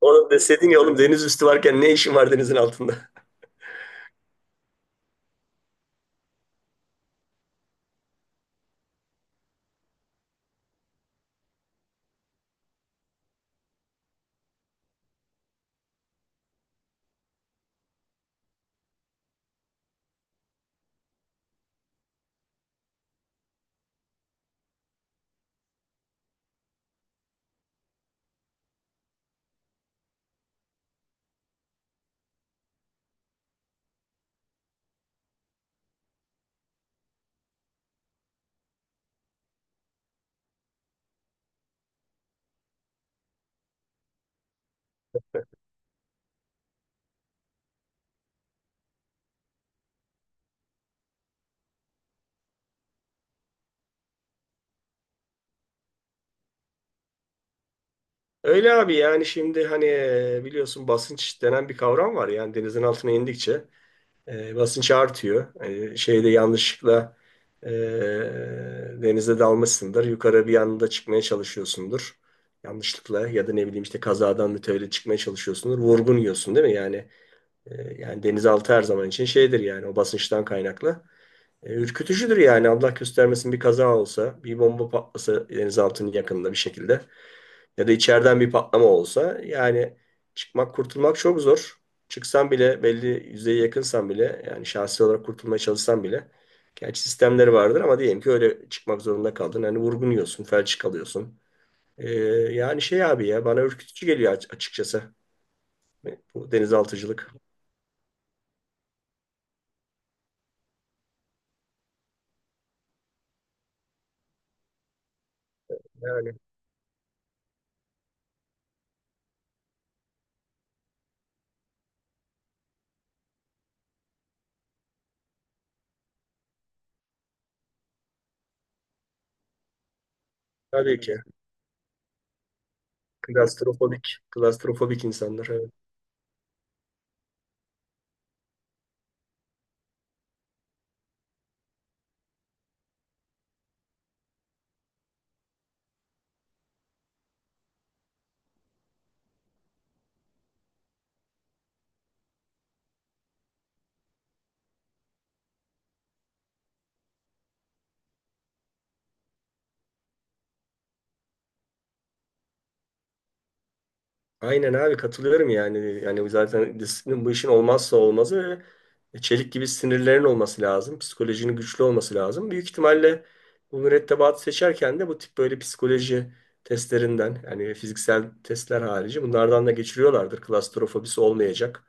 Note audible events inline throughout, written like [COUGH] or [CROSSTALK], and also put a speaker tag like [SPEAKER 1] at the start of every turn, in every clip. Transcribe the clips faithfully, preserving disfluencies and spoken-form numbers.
[SPEAKER 1] Oğlum deseydin ya oğlum deniz üstü varken ne işin var denizin altında? Öyle abi yani şimdi hani e, biliyorsun basınç denen bir kavram var. Yani denizin altına indikçe e, basınç artıyor. E, şeyde yanlışlıkla e, denize dalmışsındır. Yukarı bir anda çıkmaya çalışıyorsundur. Yanlışlıkla ya da ne bileyim işte kazadan mütevellit çıkmaya çalışıyorsundur. Vurgun yiyorsun değil mi? Yani e, yani denizaltı her zaman için şeydir yani o basınçtan kaynaklı. E, ürkütücüdür yani Allah göstermesin bir kaza olsa, bir bomba patlasa denizaltının yakınında bir şekilde ya da içeriden bir patlama olsa yani çıkmak kurtulmak çok zor. Çıksan bile belli yüzeye yakınsan bile yani şahsi olarak kurtulmaya çalışsan bile gerçi sistemleri vardır ama diyelim ki öyle çıkmak zorunda kaldın. Hani vurgunuyorsun, felç kalıyorsun. E, Yani şey abi ya bana ürkütücü geliyor aç- açıkçası. E, bu denizaltıcılık. Yani tabii ki klastrofobik, klastrofobik insanlar. Evet. Aynen abi katılıyorum yani. Yani zaten disiplin bu işin olmazsa olmazı ve çelik gibi sinirlerin olması lazım. Psikolojinin güçlü olması lazım. Büyük ihtimalle bu mürettebatı seçerken de bu tip böyle psikoloji testlerinden yani fiziksel testler harici bunlardan da geçiriyorlardır. Klastrofobisi olmayacak,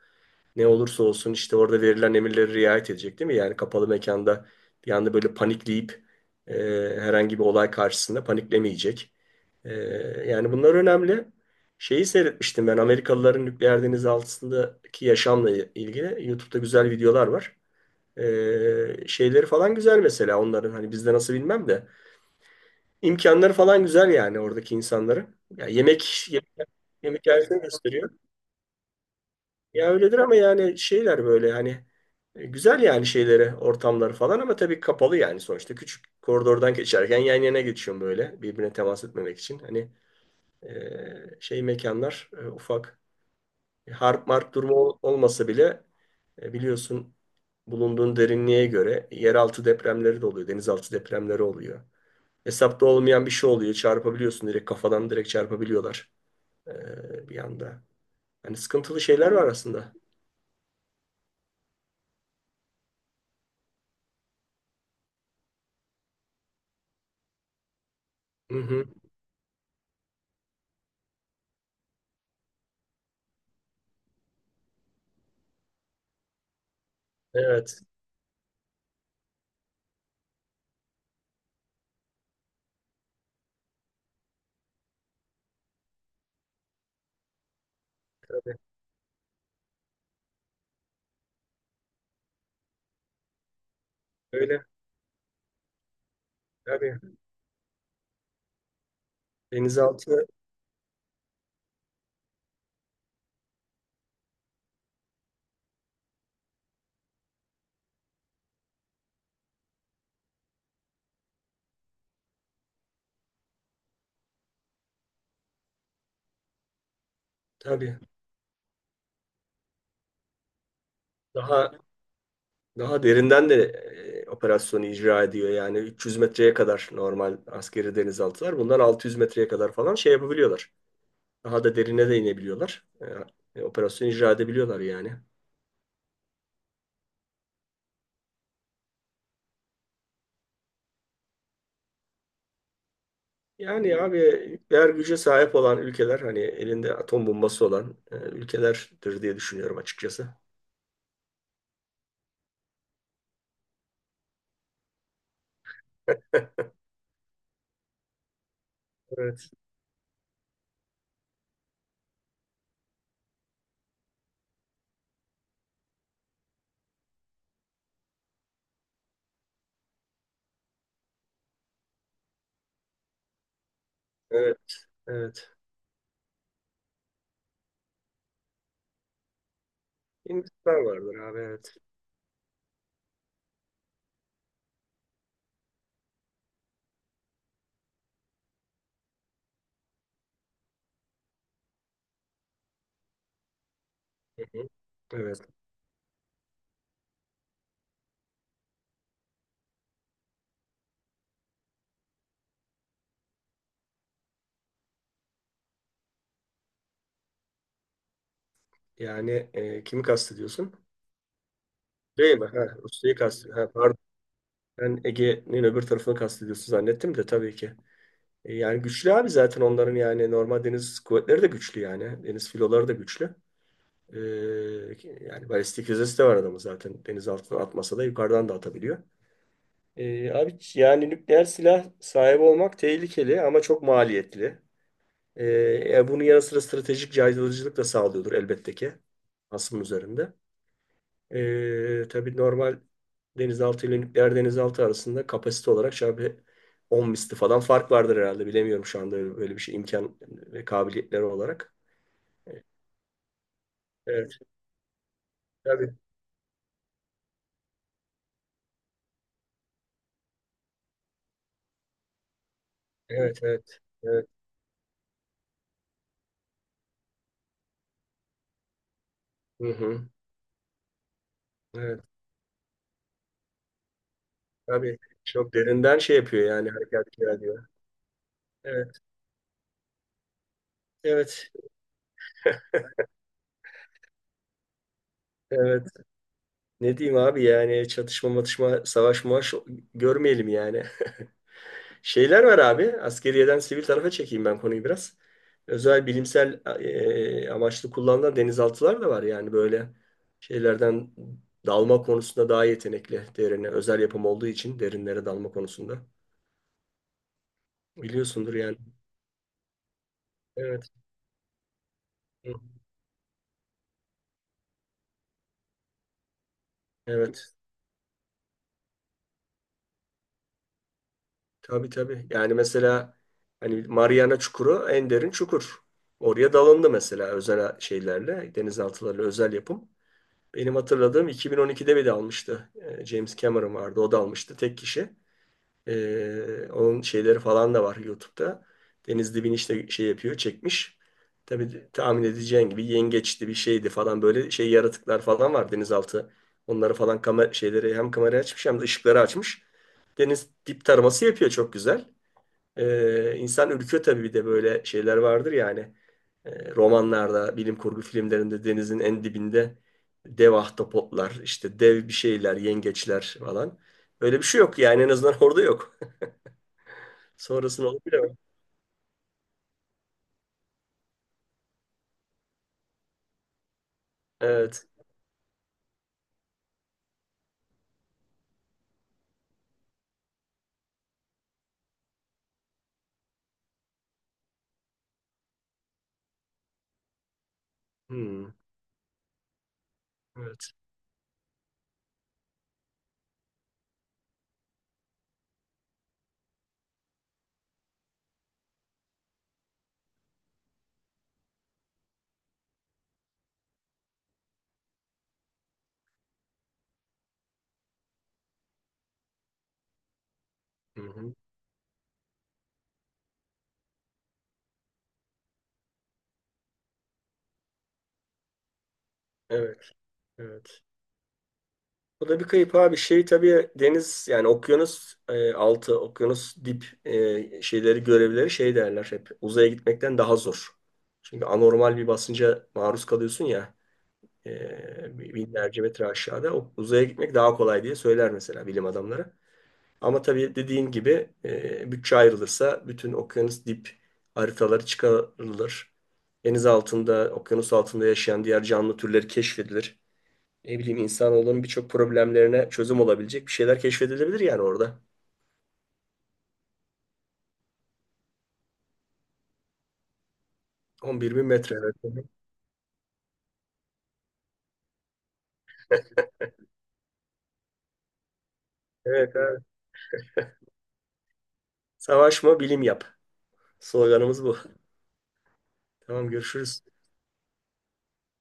[SPEAKER 1] ne olursa olsun işte orada verilen emirlere riayet edecek değil mi? Yani kapalı mekanda bir anda böyle panikleyip e, herhangi bir olay karşısında paniklemeyecek. E, Yani bunlar önemli. Şeyi seyretmiştim ben, Amerikalıların nükleer deniz altındaki yaşamla ilgili YouTube'da güzel videolar var. E, şeyleri falan güzel mesela onların, hani bizde nasıl bilmem de imkanları falan güzel yani oradaki insanların. Ya yemek yemek, yemek gösteriyor. Ya öyledir ama yani şeyler böyle hani e, güzel yani şeyleri ortamları falan, ama tabii kapalı yani sonuçta küçük koridordan geçerken yan yana geçiyorum böyle birbirine temas etmemek için. Hani e, şey mekanlar e, ufak. E, harp marp durumu ol- olmasa bile e, biliyorsun bulunduğun derinliğe göre yeraltı depremleri de oluyor, denizaltı depremleri oluyor. Hesapta olmayan bir şey oluyor, çarpabiliyorsun direkt kafadan, direkt çarpabiliyorlar e, bir anda. Hani sıkıntılı şeyler var aslında. Hı hı. Evet. Tabii, öyle. Tabii. Denizaltı tabii daha daha derinden de e, operasyonu icra ediyor. Yani üç yüz metreye kadar normal askeri denizaltılar. Bunlar altı yüz metreye kadar falan şey yapabiliyorlar. Daha da derine de inebiliyorlar. E, e, operasyonu icra edebiliyorlar yani. Yani abi nükleer güce sahip olan ülkeler hani elinde atom bombası olan e, ülkelerdir diye düşünüyorum açıkçası. Evet. Evet. Evet. Hindistan vardır abi, evet. Hı hı. Evet. Yani e, kimi kastediyorsun? Değil mi? Ha, Rusya'yı kastediyorsun. Ha, pardon. Ben Ege'nin öbür tarafını kastediyorsun zannettim de, tabii ki. E, yani güçlü abi, zaten onların yani normal deniz kuvvetleri de güçlü yani. Deniz filoları da güçlü. E, Yani balistik füzesi de var adamın zaten. Deniz altından atmasa da yukarıdan da atabiliyor. E, abi yani nükleer silah sahibi olmak tehlikeli ama çok maliyetli. E, e, bunun yanı sıra stratejik caydırıcılık da sağlıyordur elbette ki hasımın üzerinde. Ee, tabii normal denizaltı ile nükleer denizaltı arasında kapasite olarak şöyle on misli falan fark vardır herhalde. Bilemiyorum şu anda öyle, böyle bir şey imkan ve kabiliyetleri olarak. Evet, tabii. Evet, evet. Evet. Hı hı. Evet. Tabii çok derinden şey yapıyor yani, hareketler ediyor. Evet. Evet. Evet. Ne diyeyim abi yani, çatışma matışma savaş muaş görmeyelim yani. Şeyler var abi. Askeriyeden sivil tarafa çekeyim ben konuyu biraz. Özel bilimsel e, amaçlı kullanılan denizaltılar da var. Yani böyle şeylerden dalma konusunda daha yetenekli derine. Özel yapım olduğu için derinlere dalma konusunda. Biliyorsundur yani. Evet. Hı. Evet. Tabii tabii. Yani mesela hani Mariana Çukuru en derin çukur. Oraya dalındı mesela özel şeylerle, denizaltılarla, özel yapım. Benim hatırladığım iki bin on ikide bir de almıştı. Ee, James Cameron vardı. O da almıştı. Tek kişi. Ee, onun şeyleri falan da var YouTube'da. Deniz dibini işte şey yapıyor. Çekmiş. Tabii tahmin edeceğin gibi yengeçti bir şeydi falan. Böyle şey yaratıklar falan var denizaltı. Onları falan kamera şeyleri, hem kamerayı açmış hem de ışıkları açmış. Deniz dip taraması yapıyor çok güzel. Ee, insan ürküyor tabii, bir de böyle şeyler vardır yani. Ee, romanlarda, bilim kurgu filmlerinde denizin en dibinde dev ahtapotlar, işte dev bir şeyler, yengeçler falan. Öyle bir şey yok yani, en azından orada yok. [LAUGHS] Sonrasını onu bilemem. Evet. Hmm. Evet. Hı hı. Evet. Evet. Bu da bir kayıp abi. Şey tabii deniz yani okyanus e, altı, okyanus dip e, şeyleri görevleri şey derler hep. Uzaya gitmekten daha zor. Çünkü anormal bir basınca maruz kalıyorsun ya. E, binlerce metre aşağıda. O, uzaya gitmek daha kolay diye söyler mesela bilim adamları. Ama tabii dediğin gibi e, bütçe ayrılırsa bütün okyanus dip haritaları çıkarılır. Deniz altında, okyanus altında yaşayan diğer canlı türleri keşfedilir. Ne bileyim, insanoğlunun birçok problemlerine çözüm olabilecek bir şeyler keşfedilebilir yani orada. on bir bin metre. Evet, evet. Evet. Savaşma, bilim yap. Sloganımız bu. Tamam, görüşürüz.